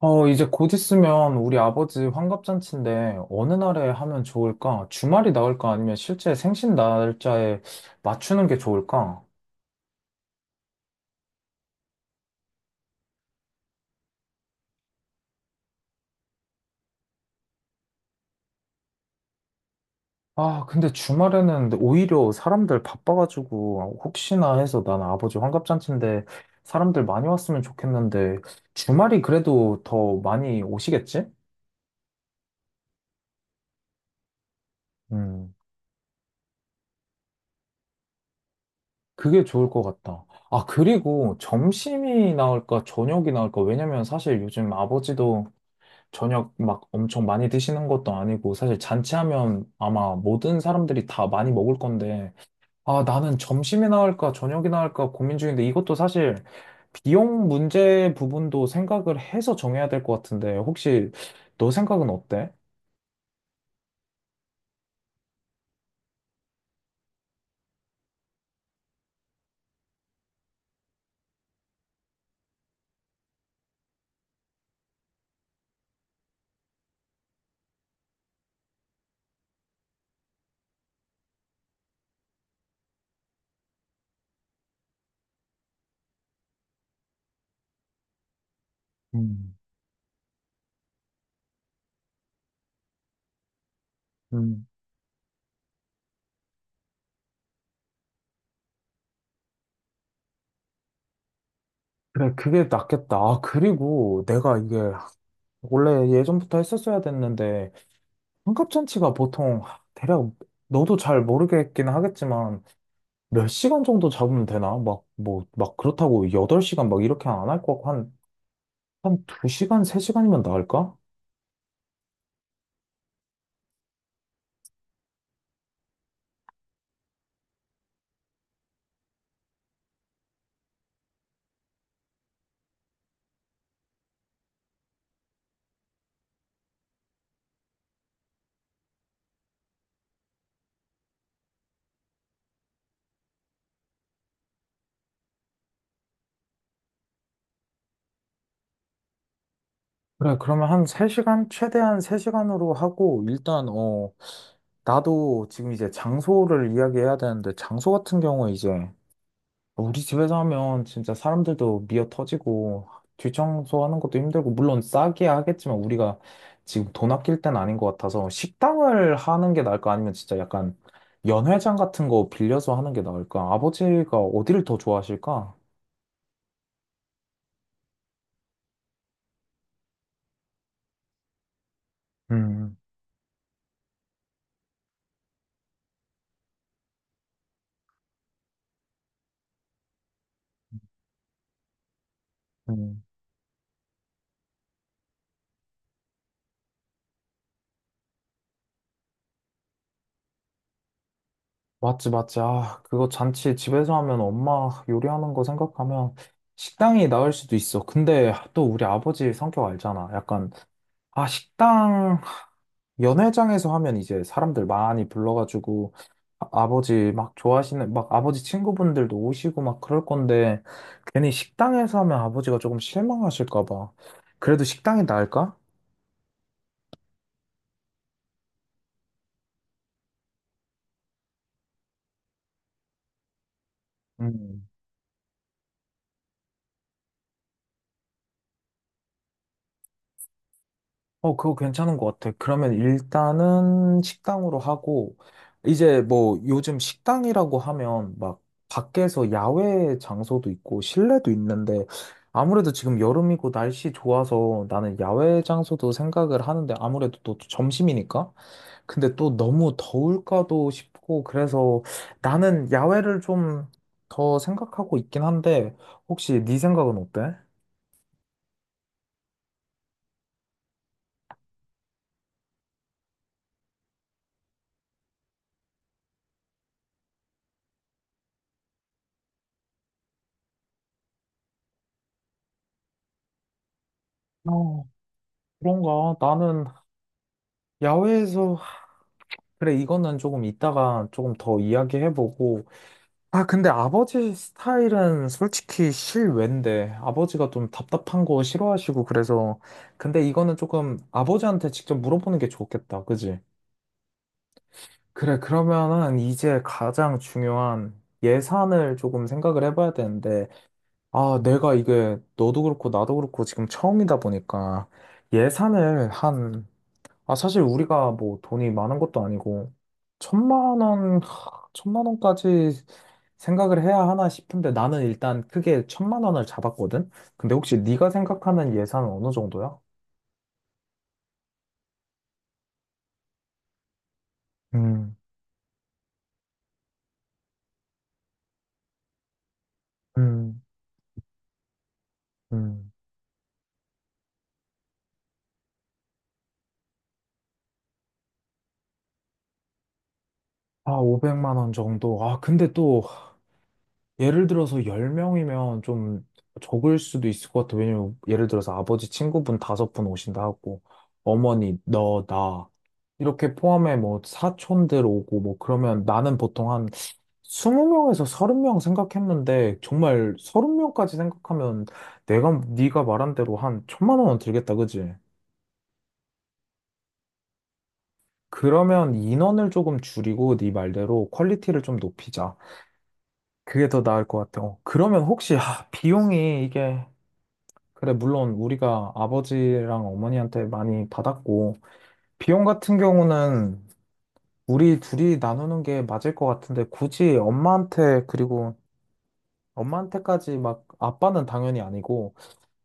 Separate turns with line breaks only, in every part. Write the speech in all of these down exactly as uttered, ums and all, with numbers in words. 어, 이제 곧 있으면 우리 아버지 환갑잔치인데 어느 날에 하면 좋을까? 주말이 나을까? 아니면 실제 생신 날짜에 맞추는 게 좋을까? 아, 근데 주말에는 오히려 사람들 바빠가지고 혹시나 해서 난 아버지 환갑잔치인데 사람들 많이 왔으면 좋겠는데 주말이 그래도 더 많이 오시겠지? 음, 그게 좋을 것 같다. 아, 그리고 점심이 나올까? 저녁이 나올까? 왜냐면 사실 요즘 아버지도 저녁 막 엄청 많이 드시는 것도 아니고 사실 잔치하면 아마 모든 사람들이 다 많이 먹을 건데 아 나는 점심이나 할까 저녁이나 할까 고민 중인데 이것도 사실 비용 문제 부분도 생각을 해서 정해야 될 것 같은데 혹시 너 생각은 어때? 음. 음. 그래, 그게 낫겠다. 아, 그리고 내가 이게 원래 예전부터 했었어야 됐는데 환갑잔치가 보통 대략 너도 잘 모르겠긴 하겠지만 몇 시간 정도 잡으면 되나? 막, 뭐, 막 그렇다고 여덟 시간 막 이렇게 안 할 것 같고, 한, 한 두 시간, 세 시간이면 나을까? 그래, 그러면 한 세 시간? 최대한 세 시간으로 하고, 일단, 어, 나도 지금 이제 장소를 이야기해야 되는데, 장소 같은 경우에 이제, 우리 집에서 하면 진짜 사람들도 미어 터지고 뒷청소하는 것도 힘들고 물론 싸게 하겠지만 우리가 지금 돈 아낄 땐 아닌 것 같아서 식당을 하는 게 나을까 아니면 진짜 약간 연회장 같은 거 빌려서 하는 게 나을까? 아버지가 어디를 더 좋아하실까? 음, 음. 맞지, 맞지. 아, 그거 잔치 집에서 하면 엄마 요리하는 거 생각하면 식당이 나을 수도 있어. 근데 또 우리 아버지 성격 알잖아. 약간, 아, 식당 연회장에서 하면 이제 사람들 많이 불러가지고 아, 버지막 좋아하시는 막 아버지 친구분들도 오시고 막 그럴 건데 괜히 식당에서 하면 아버지가 조금 실망하실까 봐. 그래도 식당이 나을까? 음. 어, 그거 괜찮은 것 같아. 그러면 일단은 식당으로 하고, 이제 뭐 요즘 식당이라고 하면 막 밖에서 야외 장소도 있고 실내도 있는데 아무래도 지금 여름이고 날씨 좋아서 나는 야외 장소도 생각을 하는데 아무래도 또 점심이니까? 근데 또 너무 더울까도 싶고 그래서 나는 야외를 좀 더 생각하고 있긴 한데 혹시 네 생각은 어때? 어, 그런가? 나는 야외에서 그래, 이거는 조금 이따가 조금 더 이야기해보고. 아, 근데 아버지 스타일은 솔직히 실외인데, 아버지가 좀 답답한 거 싫어하시고, 그래서. 근데 이거는 조금 아버지한테 직접 물어보는 게 좋겠다, 그지? 그래, 그러면은 이제 가장 중요한 예산을 조금 생각을 해봐야 되는데, 아, 내가 이게 너도 그렇고 나도 그렇고 지금 처음이다 보니까 예산을 한 아, 사실 우리가 뭐 돈이 많은 것도 아니고, 천만 원, 하, 천만 원까지 생각을 해야 하나 싶은데 나는 일단 크게 천만 원을 잡았거든? 근데 혹시 네가 생각하는 예산은 어느 정도야? 음, 음, 음. 아, 오백만 원 정도. 아, 근데 또 예를 들어서 열 명이면 좀 적을 수도 있을 것 같아. 왜냐면 예를 들어서 아버지 친구분 다섯 분 오신다 하고, 어머니, 너, 나. 이렇게 포함해 뭐 사촌들 오고 뭐 그러면 나는 보통 한 스무 명에서 서른 명 생각했는데 정말 서른 명까지 생각하면 내가 네가 말한 대로 한 천만 원은 들겠다, 그지? 그러면 인원을 조금 줄이고 네 말대로 퀄리티를 좀 높이자. 그게 더 나을 것 같아. 어, 그러면 혹시 아, 비용이 이게 그래, 물론 우리가 아버지랑 어머니한테 많이 받았고, 비용 같은 경우는 우리 둘이 나누는 게 맞을 것 같은데, 굳이 엄마한테, 그리고 엄마한테까지 막, 아빠는 당연히 아니고,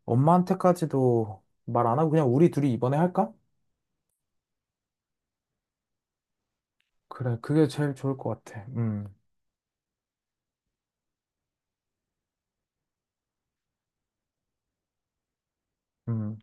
엄마한테까지도 말 안 하고 그냥 우리 둘이 이번에 할까? 그래, 그게 제일 좋을 것 같아. 음, 음.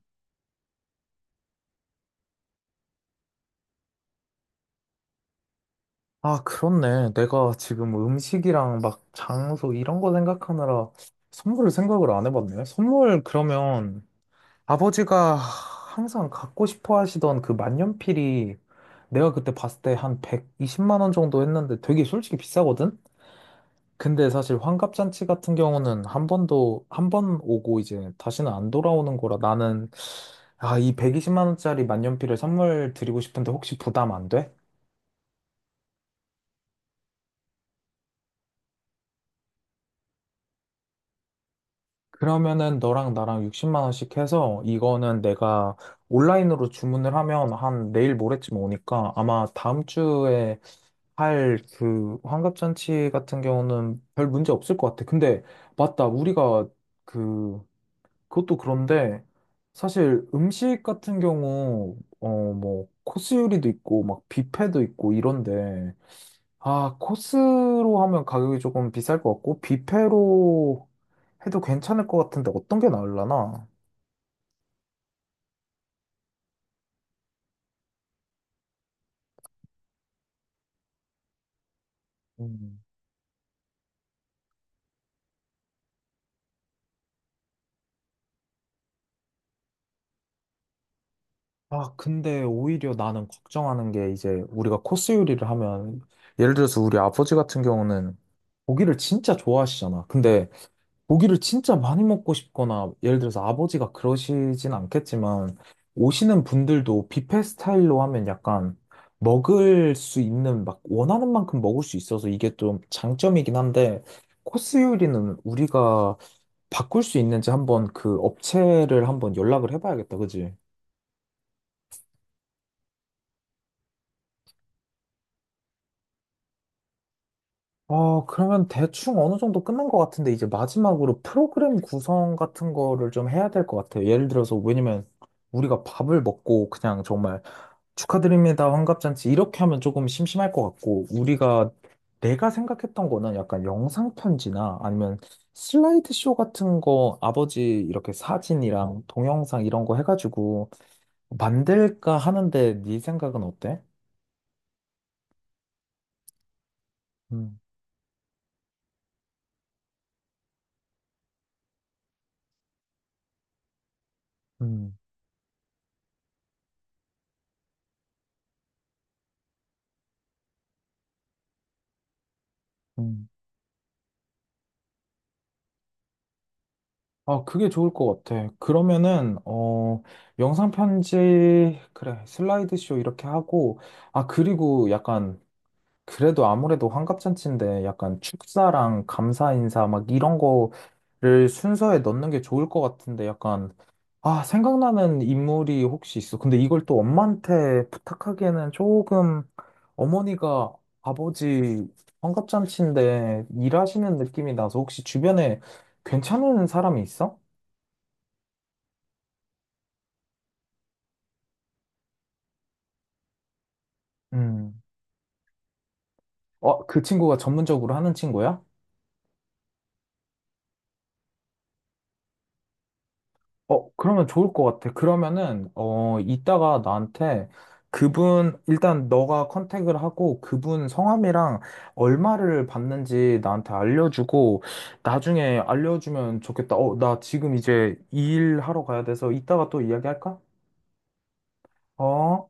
아, 그렇네. 내가 지금 음식이랑 막 장소 이런 거 생각하느라 선물을 생각을 안 해봤네. 선물 그러면 아버지가 항상 갖고 싶어 하시던 그 만년필이 내가 그때 봤을 때 한 백이십만 원 정도 했는데 되게 솔직히 비싸거든? 근데 사실 환갑잔치 같은 경우는 한 번도, 한 번 오고 이제 다시는 안 돌아오는 거라 나는, 아, 이 백이십만 원짜리 만년필을 선물 드리고 싶은데 혹시 부담 안 돼? 그러면은 너랑 나랑 육십만 원씩 해서 이거는 내가 온라인으로 주문을 하면 한 내일 모레쯤 오니까 아마 다음 주에 할 그, 환갑잔치 같은 경우는 별 문제 없을 것 같아. 근데, 맞다. 우리가, 그, 그것도 그런데, 사실 음식 같은 경우, 어, 뭐, 코스 요리도 있고, 막, 뷔페도 있고, 이런데, 아, 코스로 하면 가격이 조금 비쌀 것 같고, 뷔페로 해도 괜찮을 것 같은데, 어떤 게나을라나 아, 근데 오히려 나는 걱정하는 게 이제 우리가 코스 요리를 하면 예를 들어서 우리 아버지 같은 경우는 고기를 진짜 좋아하시잖아. 근데 고기를 진짜 많이 먹고 싶거나 예를 들어서 아버지가 그러시진 않겠지만 오시는 분들도 뷔페 스타일로 하면 약간 먹을 수 있는 막 원하는 만큼 먹을 수 있어서 이게 좀 장점이긴 한데 코스 요리는 우리가 바꿀 수 있는지 한번 그 업체를 한번 연락을 해봐야겠다. 그지? 어, 그러면 대충 어느 정도 끝난 것 같은데, 이제 마지막으로 프로그램 구성 같은 거를 좀 해야 될 것 같아요. 예를 들어서, 왜냐면 우리가 밥을 먹고 그냥 정말 축하드립니다, 환갑잔치 이렇게 하면 조금 심심할 것 같고, 우리가 내가 생각했던 거는 약간 영상편지나 아니면 슬라이드 쇼 같은 거 아버지 이렇게 사진이랑 동영상 이런 거 해가지고 만들까 하는데, 네 생각은 어때? 음, 음, 음. 아, 그게 좋을 것 같아. 그러면은, 어, 영상 편지, 그래, 슬라이드쇼 이렇게 하고, 아, 그리고 약간, 그래도 아무래도 환갑잔치인데, 약간 축사랑 감사 인사 막 이런 거를 순서에 넣는 게 좋을 것 같은데, 약간, 아, 생각나는 인물이 혹시 있어. 근데 이걸 또 엄마한테 부탁하기에는 조금, 어머니가 아버지 환갑잔치인데, 일하시는 느낌이 나서 혹시 주변에 괜찮은 사람이 있어? 음. 어, 그 친구가 전문적으로 하는 친구야? 어, 그러면 좋을 것 같아. 그러면은, 어, 이따가 나한테 그분, 일단 너가 컨택을 하고 그분 성함이랑 얼마를 받는지 나한테 알려주고 나중에 알려주면 좋겠다. 어, 나 지금 이제 일하러 가야 돼서 이따가 또 이야기할까? 어?